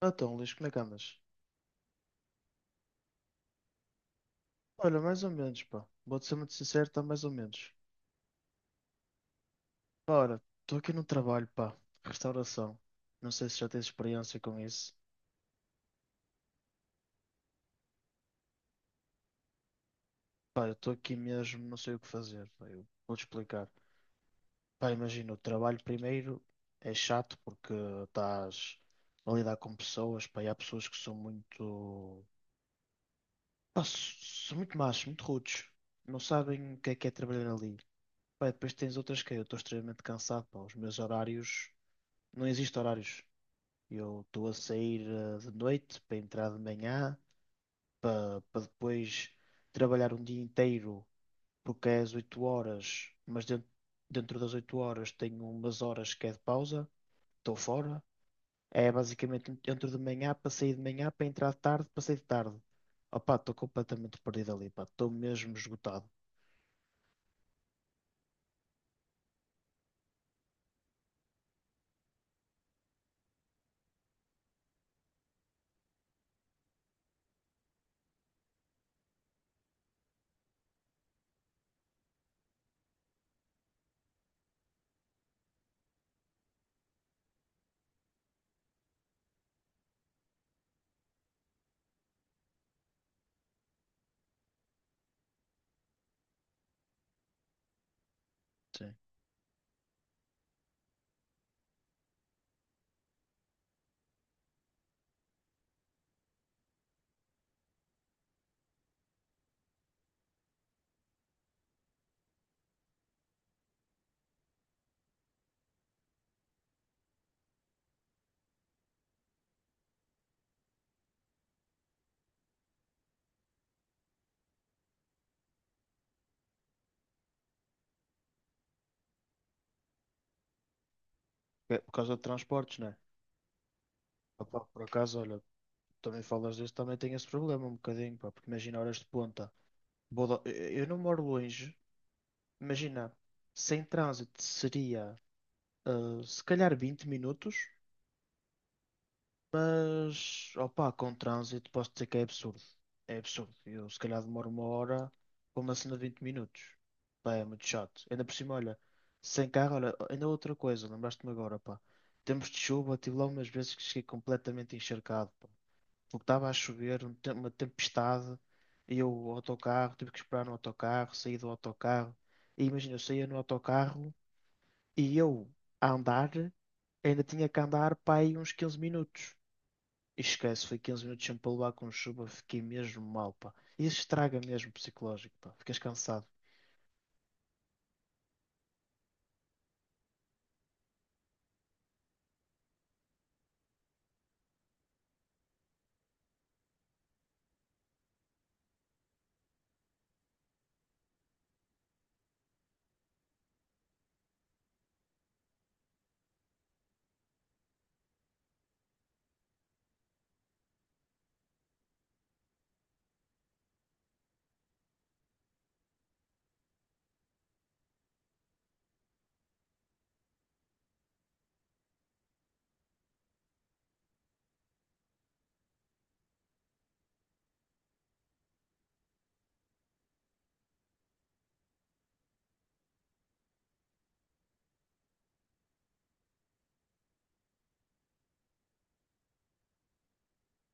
Então, Luís, como é que andas? Olha, mais ou menos, pá. Vou-te ser muito sincero, está mais ou menos. Ora, estou aqui no trabalho, pá. Restauração. Não sei se já tens experiência com isso. Pá, eu estou aqui mesmo, não sei o que fazer. Eu vou-te explicar. Pá, imagina, o trabalho primeiro é chato porque estás a lidar com pessoas, pá, e há pessoas que são muito... Pá, s- São muito machos, muito rudes. Não sabem o que é trabalhar ali. Pá, e depois tens outras que eu estou extremamente cansado, pá. Os meus horários... Não existe horários. Eu estou a sair de noite para entrar de manhã, para depois trabalhar um dia inteiro, porque é às 8 horas, mas dentro das 8 horas tenho umas horas que é de pausa, estou fora. É basicamente entro de manhã para sair de manhã, para entrar de tarde, para sair de tarde. Opá, estou completamente perdido ali, pá, estou mesmo esgotado. Sim. É por causa de transportes, né? Opá, por acaso, olha, também falas disso, também tenho esse problema um bocadinho, pá, porque imagina horas de ponta. Vou da- eu não moro longe. Imagina, sem trânsito seria se calhar 20 minutos, mas opa com trânsito posso dizer que é absurdo. É absurdo. Eu se calhar demoro uma hora para uma cena de 20 minutos. Pá, é muito chato. Ainda por cima, olha, sem carro, olha, ainda outra coisa, lembraste-me agora, pá. Tempos de chuva, tive lá umas vezes que cheguei completamente encharcado, pá. Porque estava a chover, uma tempestade, e eu, o autocarro, tive que esperar no autocarro, saí do autocarro. E imagina, eu saía no autocarro. E eu, a andar, ainda tinha que andar para aí uns 15 minutos. E esquece, foi 15 minutos sempre a levar com chuva, fiquei mesmo mal, pá. Isso estraga mesmo o psicológico, pá. Ficas cansado.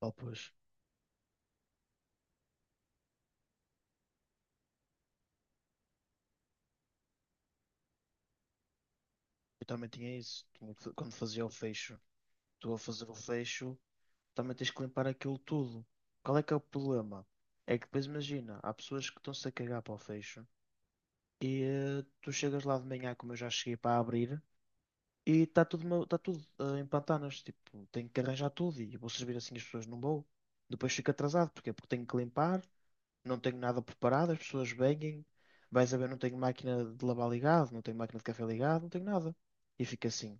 Oh, pois. Eu também tinha isso. Quando fazia o fecho, tu a fazer o fecho, também tens que limpar aquilo tudo. Qual é que é o problema? É que depois imagina, há pessoas que estão-se a cagar para o fecho e tu chegas lá de manhã, como eu já cheguei para abrir, e está tá tudo em pantanas. Tipo, tenho que arranjar tudo e vou servir assim as pessoas, não vou. Depois fico atrasado, porquê? Porque tenho que limpar, não tenho nada preparado, as pessoas vêm, vais a ver, não tenho máquina de lavar ligado, não tenho máquina de café ligado, não tenho nada. E fica assim.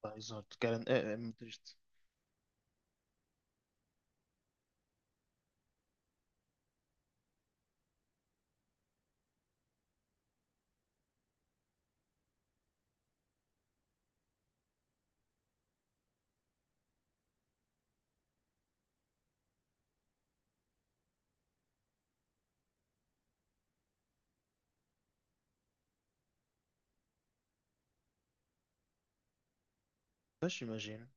Pá, exato, cara, é muito triste. Mas imagino.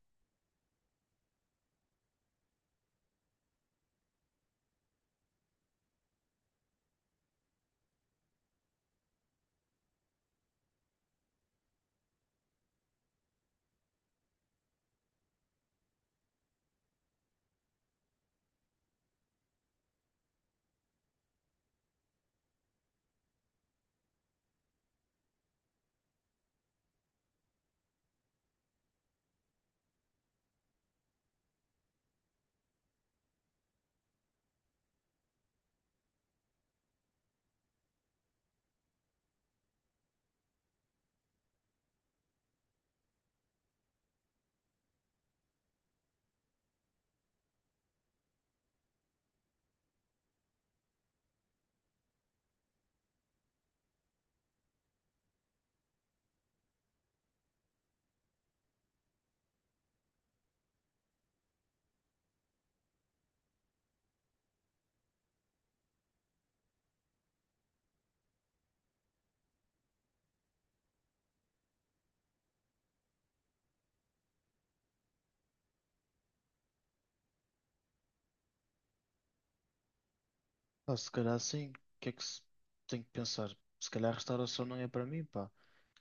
Pá, se calhar sim, o que é que se... tenho que pensar? Se calhar a restauração não é para mim, pá.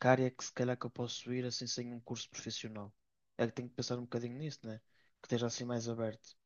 Que área é que se calhar que eu posso ir assim sem um curso profissional? É que tenho que pensar um bocadinho nisso, né? Que esteja assim mais aberto.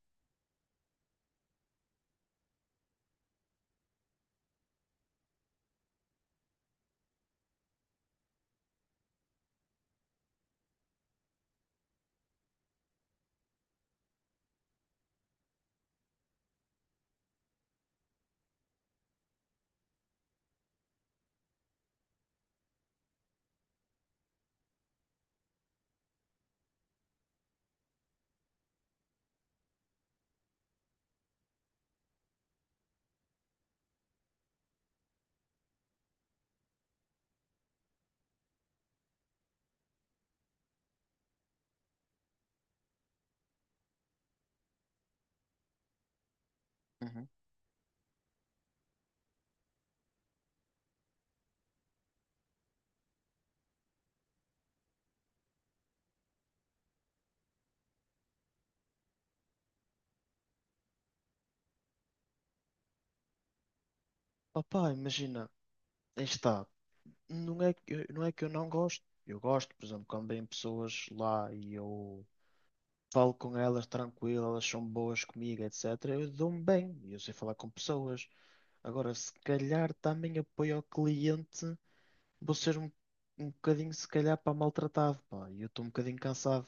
Uhum. Opá, imagina, aí está. Não é que eu não gosto. Eu gosto, por exemplo, quando vêm pessoas lá e eu falo com elas tranquilo, elas são boas comigo, etc. Eu dou-me bem e eu sei falar com pessoas. Agora, se calhar também apoio ao cliente, vou ser um bocadinho, se calhar, para maltratado, pá. E eu estou um bocadinho cansado.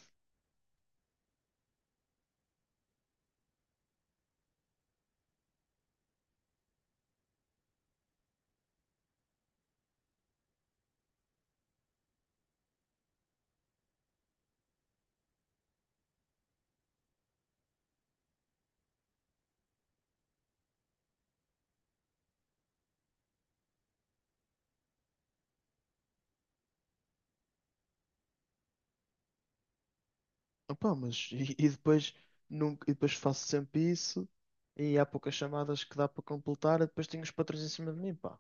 Opá, mas e depois, nunca, e depois faço sempre isso e há poucas chamadas que dá para completar e depois tenho os patrões em cima de mim, pá.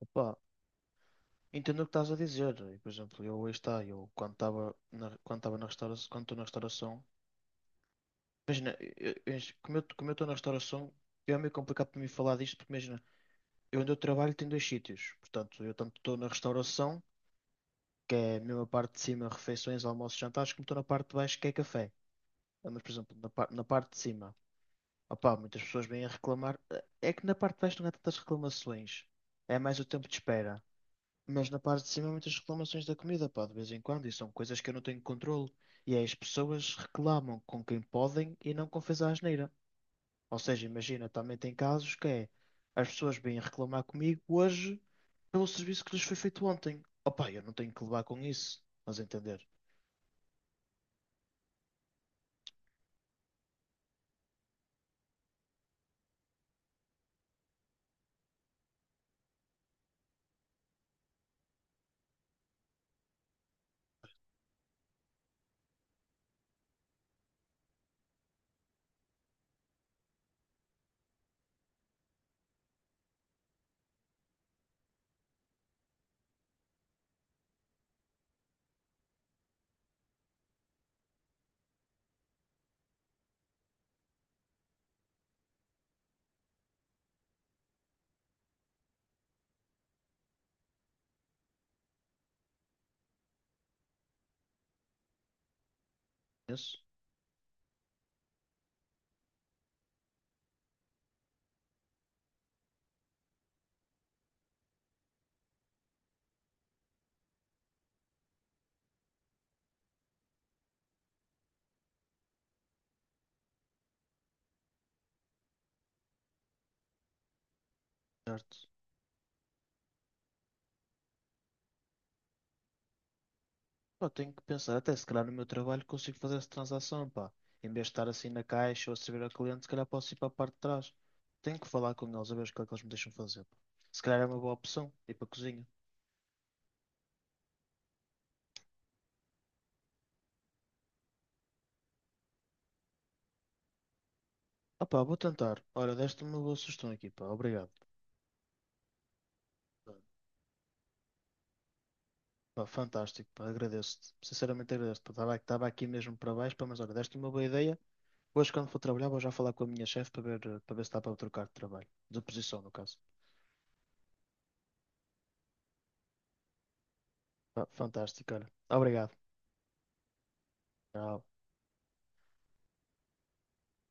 Opá. Entendo o que estás a dizer. E, por exemplo, eu aí está, eu quando estava na restauração, quando estou na restauração, imagina, como eu estou na restauração, é meio complicado para mim falar disto, porque imagina, eu onde eu trabalho tem dois sítios. Portanto, eu tanto estou na restauração, que é a mesma parte de cima, refeições, almoços, jantares, como estou na parte de baixo, que é café. Ah, mas, por exemplo, na parte de cima, opá, muitas pessoas vêm a reclamar. Ah, é que na parte de baixo não há tantas reclamações. É mais o tempo de espera. Mas na parte de cima há muitas reclamações da comida, pá, de vez em quando, e são coisas que eu não tenho controle. E aí as pessoas reclamam com quem podem e não com quem fez a asneira. Ou seja, imagina, também tem casos que é as pessoas vêm reclamar comigo hoje pelo serviço que lhes foi feito ontem. Opá, eu não tenho que levar com isso, mas entender. Isso, certo? Pá, tenho que pensar, até se calhar no meu trabalho consigo fazer essa transação, pá. Em vez de estar assim na caixa ou a servir ao cliente, se calhar posso ir para a parte de trás. Tenho que falar com eles a ver o que é que eles me deixam fazer, pá. Se calhar é uma boa opção ir para a cozinha. Ah, pá, vou tentar. Olha, deste-me uma boa sugestão aqui, pá. Obrigado. Pá, fantástico, pá. Agradeço-te. Sinceramente agradeço-te, pá. Estava aqui mesmo para baixo, pá, mas olha, deste-me uma boa ideia. Hoje, quando for trabalhar, vou já falar com a minha chefe para ver, para ver se dá para eu trocar de trabalho. De posição, no caso. Pá, fantástico, olha. Obrigado. Tchau.